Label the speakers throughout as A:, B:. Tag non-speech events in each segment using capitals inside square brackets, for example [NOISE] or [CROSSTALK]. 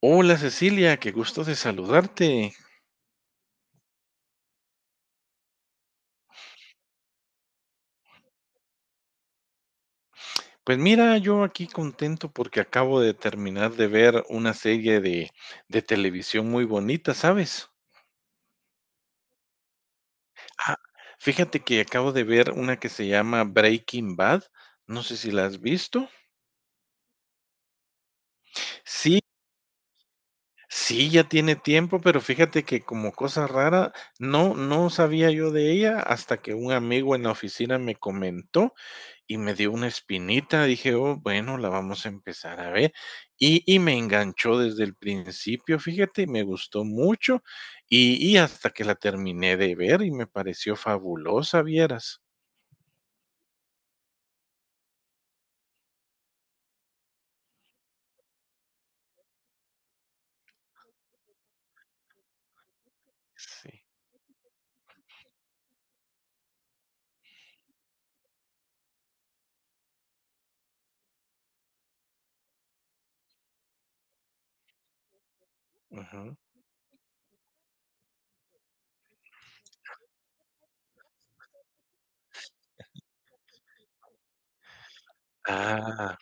A: Hola Cecilia, qué gusto de saludarte. Pues mira, yo aquí contento porque acabo de terminar de ver una serie de televisión muy bonita, ¿sabes? Ah, fíjate que acabo de ver una que se llama Breaking Bad. No sé si la has visto. Sí, sí, ya tiene tiempo, pero fíjate que como cosa rara, no, no sabía yo de ella hasta que un amigo en la oficina me comentó y me dio una espinita, dije, oh, bueno, la vamos a empezar a ver. Y me enganchó desde el principio, fíjate, y me gustó mucho y hasta que la terminé de ver y me pareció fabulosa, vieras. Sí. Ujú. Ah,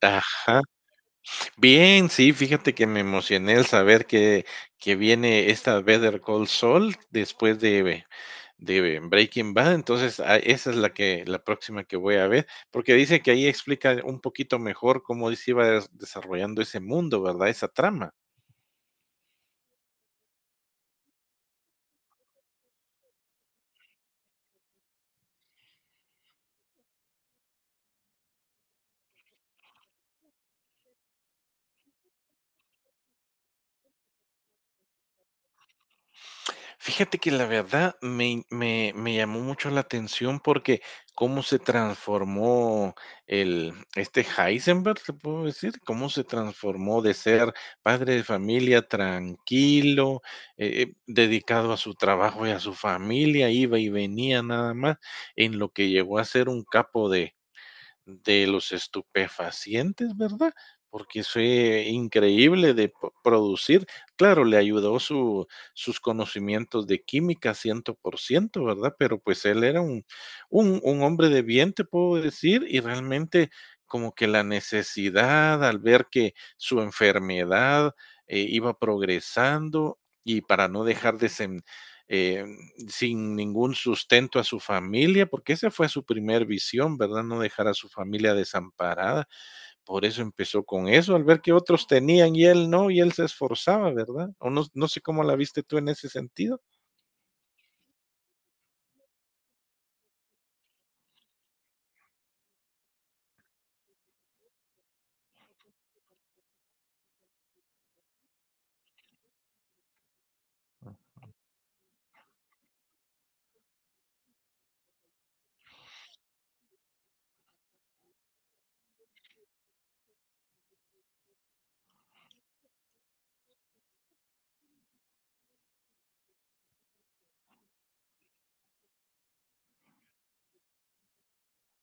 A: ajá. Bien, sí, fíjate que me emocioné al saber que viene esta Better Call Saul después de Breaking Bad, entonces esa es la que la próxima que voy a ver, porque dice que ahí explica un poquito mejor cómo se iba desarrollando ese mundo, ¿verdad? Esa trama. Fíjate que la verdad me llamó mucho la atención porque cómo se transformó el este Heisenberg, ¿te puedo decir? Cómo se transformó de ser padre de familia tranquilo, dedicado a su trabajo y a su familia, iba y venía nada más, en lo que llegó a ser un capo de los estupefacientes, ¿verdad? Porque fue increíble de producir. Claro, le ayudó sus conocimientos de química 100%, ¿verdad? Pero pues él era un hombre de bien, te puedo decir, y realmente como que la necesidad al ver que su enfermedad iba progresando y para no dejar eh, sin ningún sustento a su familia, porque esa fue su primer visión, ¿verdad? No dejar a su familia desamparada. Por eso empezó con eso, al ver que otros tenían y él no, y él se esforzaba, ¿verdad? O no, no sé cómo la viste tú en ese sentido.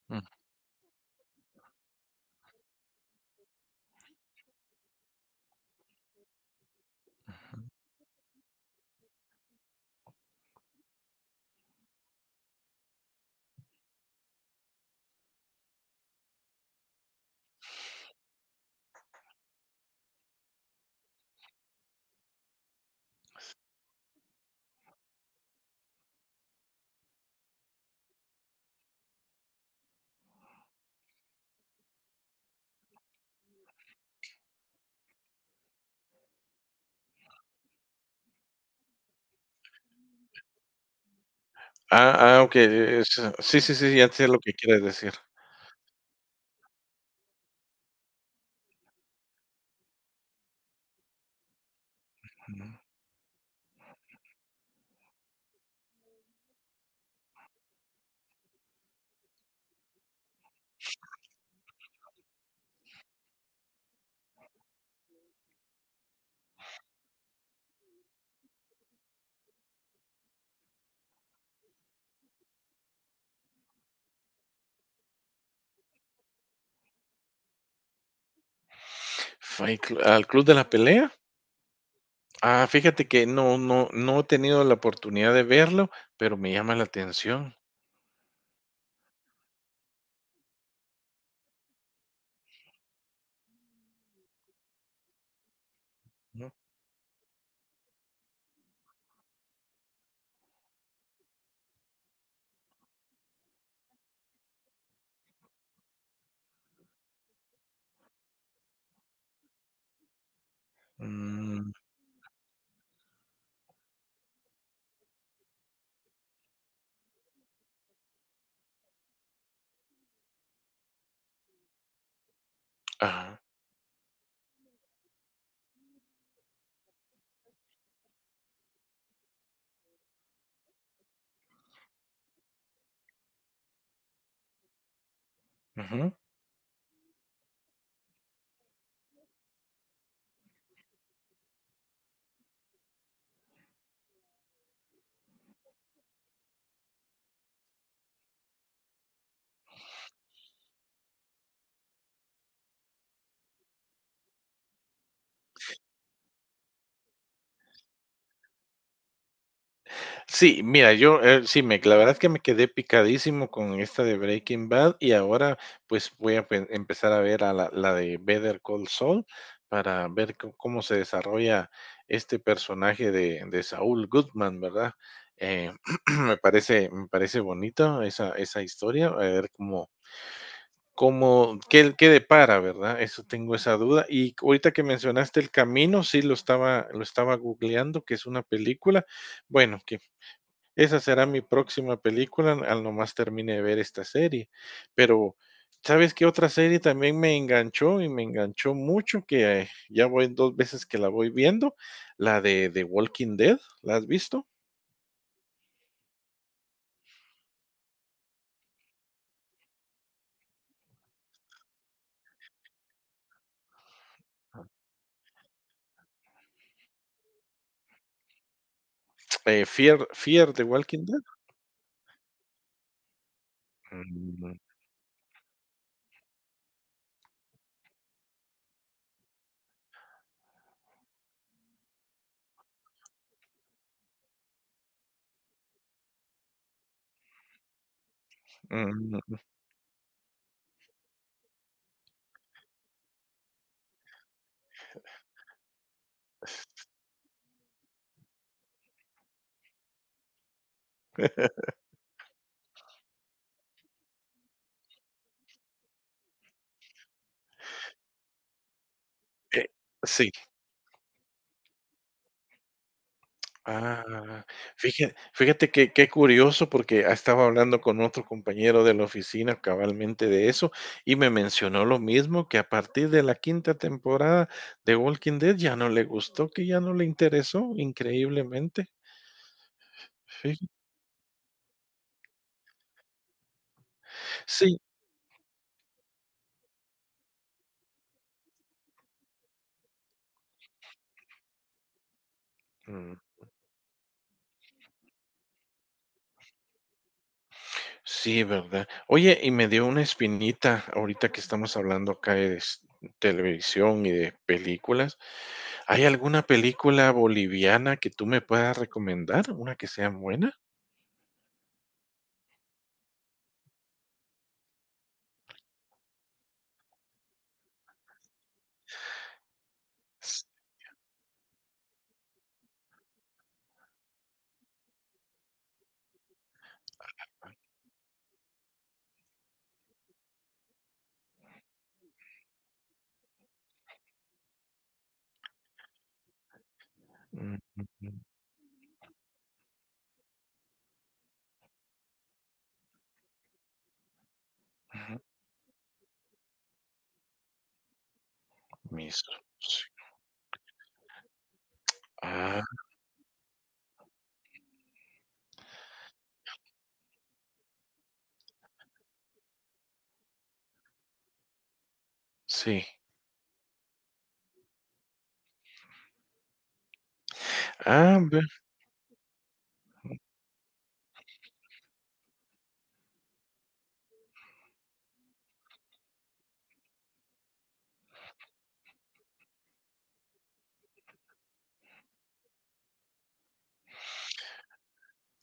A: Mm. Ah, ah, ok. Sí, sí, sí, ya sé lo que quieres decir. ¿Al club de la pelea? Ah, fíjate que no, no, no he tenido la oportunidad de verlo, pero me llama la atención. ¿No? Mm, ajá, ujú. Sí, mira, yo sí, la verdad es que me quedé picadísimo con esta de Breaking Bad y ahora pues voy a empezar a ver a la de Better Call Saul para ver cómo se desarrolla este personaje de Saul Goodman, ¿verdad? Eh, [CLEARS THROAT] me parece bonita esa historia, a ver qué depara, ¿verdad? Eso tengo esa duda. Y ahorita que mencionaste El Camino, sí lo estaba googleando, que es una película. Bueno, esa será mi próxima película, al nomás termine de ver esta serie. Pero, ¿sabes qué otra serie también me enganchó? Y me enganchó mucho, que ya voy 2 veces que la voy viendo, la de The Walking Dead, ¿la has visto? Fear the Walking Dead. Mm, mm, mm, eh, sí. Ah, fíjate que qué curioso, porque estaba hablando con otro compañero de la oficina cabalmente de eso, y me mencionó lo mismo, que a partir de la quinta temporada de Walking Dead ya no le gustó, que ya no le interesó, increíblemente. Sí. Sí. Mm, sí, ¿verdad? Oye, y me dio una espinita ahorita que estamos hablando acá de s televisión y de películas. ¿Hay alguna película boliviana que tú me puedas recomendar, una que sea buena? Mm, mm, ujú, Mis, sí, ah, sí. Ah, ve,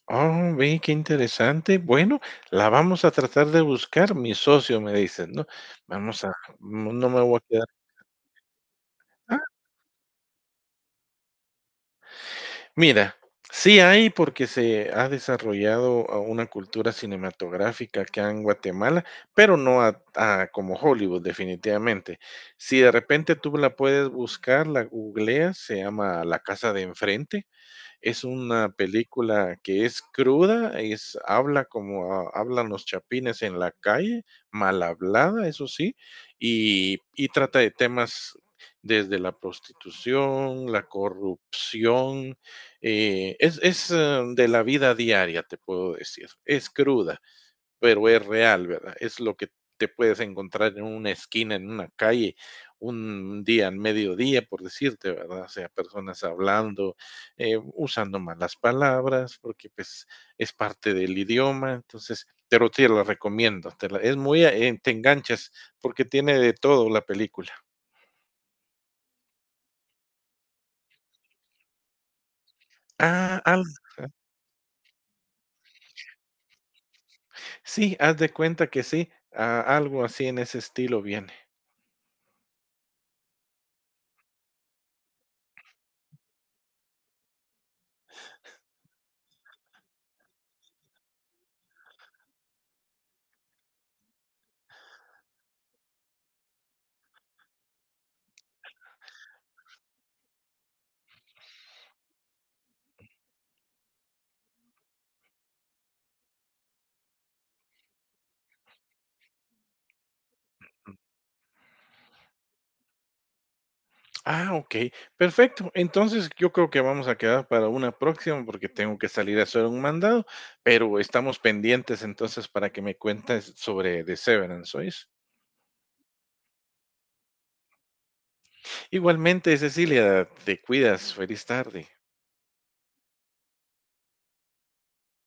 A: oh, ve, qué interesante. Bueno, la vamos a tratar de buscar. Mi socio me dice, ¿no? Vamos a, no no me voy a quedar. Ah, mira, sí hay porque se ha desarrollado una cultura cinematográfica acá en Guatemala, pero no a como Hollywood, definitivamente. Si de repente tú la puedes buscar, la googleas, se llama La Casa de Enfrente. Es una película que es cruda, es habla como hablan los chapines en la calle, mal hablada, eso sí, y trata de temas desde la prostitución, la corrupción, es de la vida diaria, te puedo decir, es cruda pero es real, ¿verdad? Es lo que te puedes encontrar en una esquina, en una calle, un día, al mediodía, por decirte, ¿verdad? O sea, personas hablando, usando malas palabras, porque pues es parte del idioma, entonces, pero te la recomiendo, es muy, te enganchas, porque tiene de todo la película. Ah, sí, haz de cuenta que sí, algo así en ese estilo viene. Ah, okey, perfecto. Entonces, yo creo que vamos a quedar para una próxima, porque tengo que salir a hacer un mandado, pero estamos pendientes entonces para que me cuentes sobre The Severance, ¿oís? Igualmente, Cecilia, te cuidas. Feliz tarde.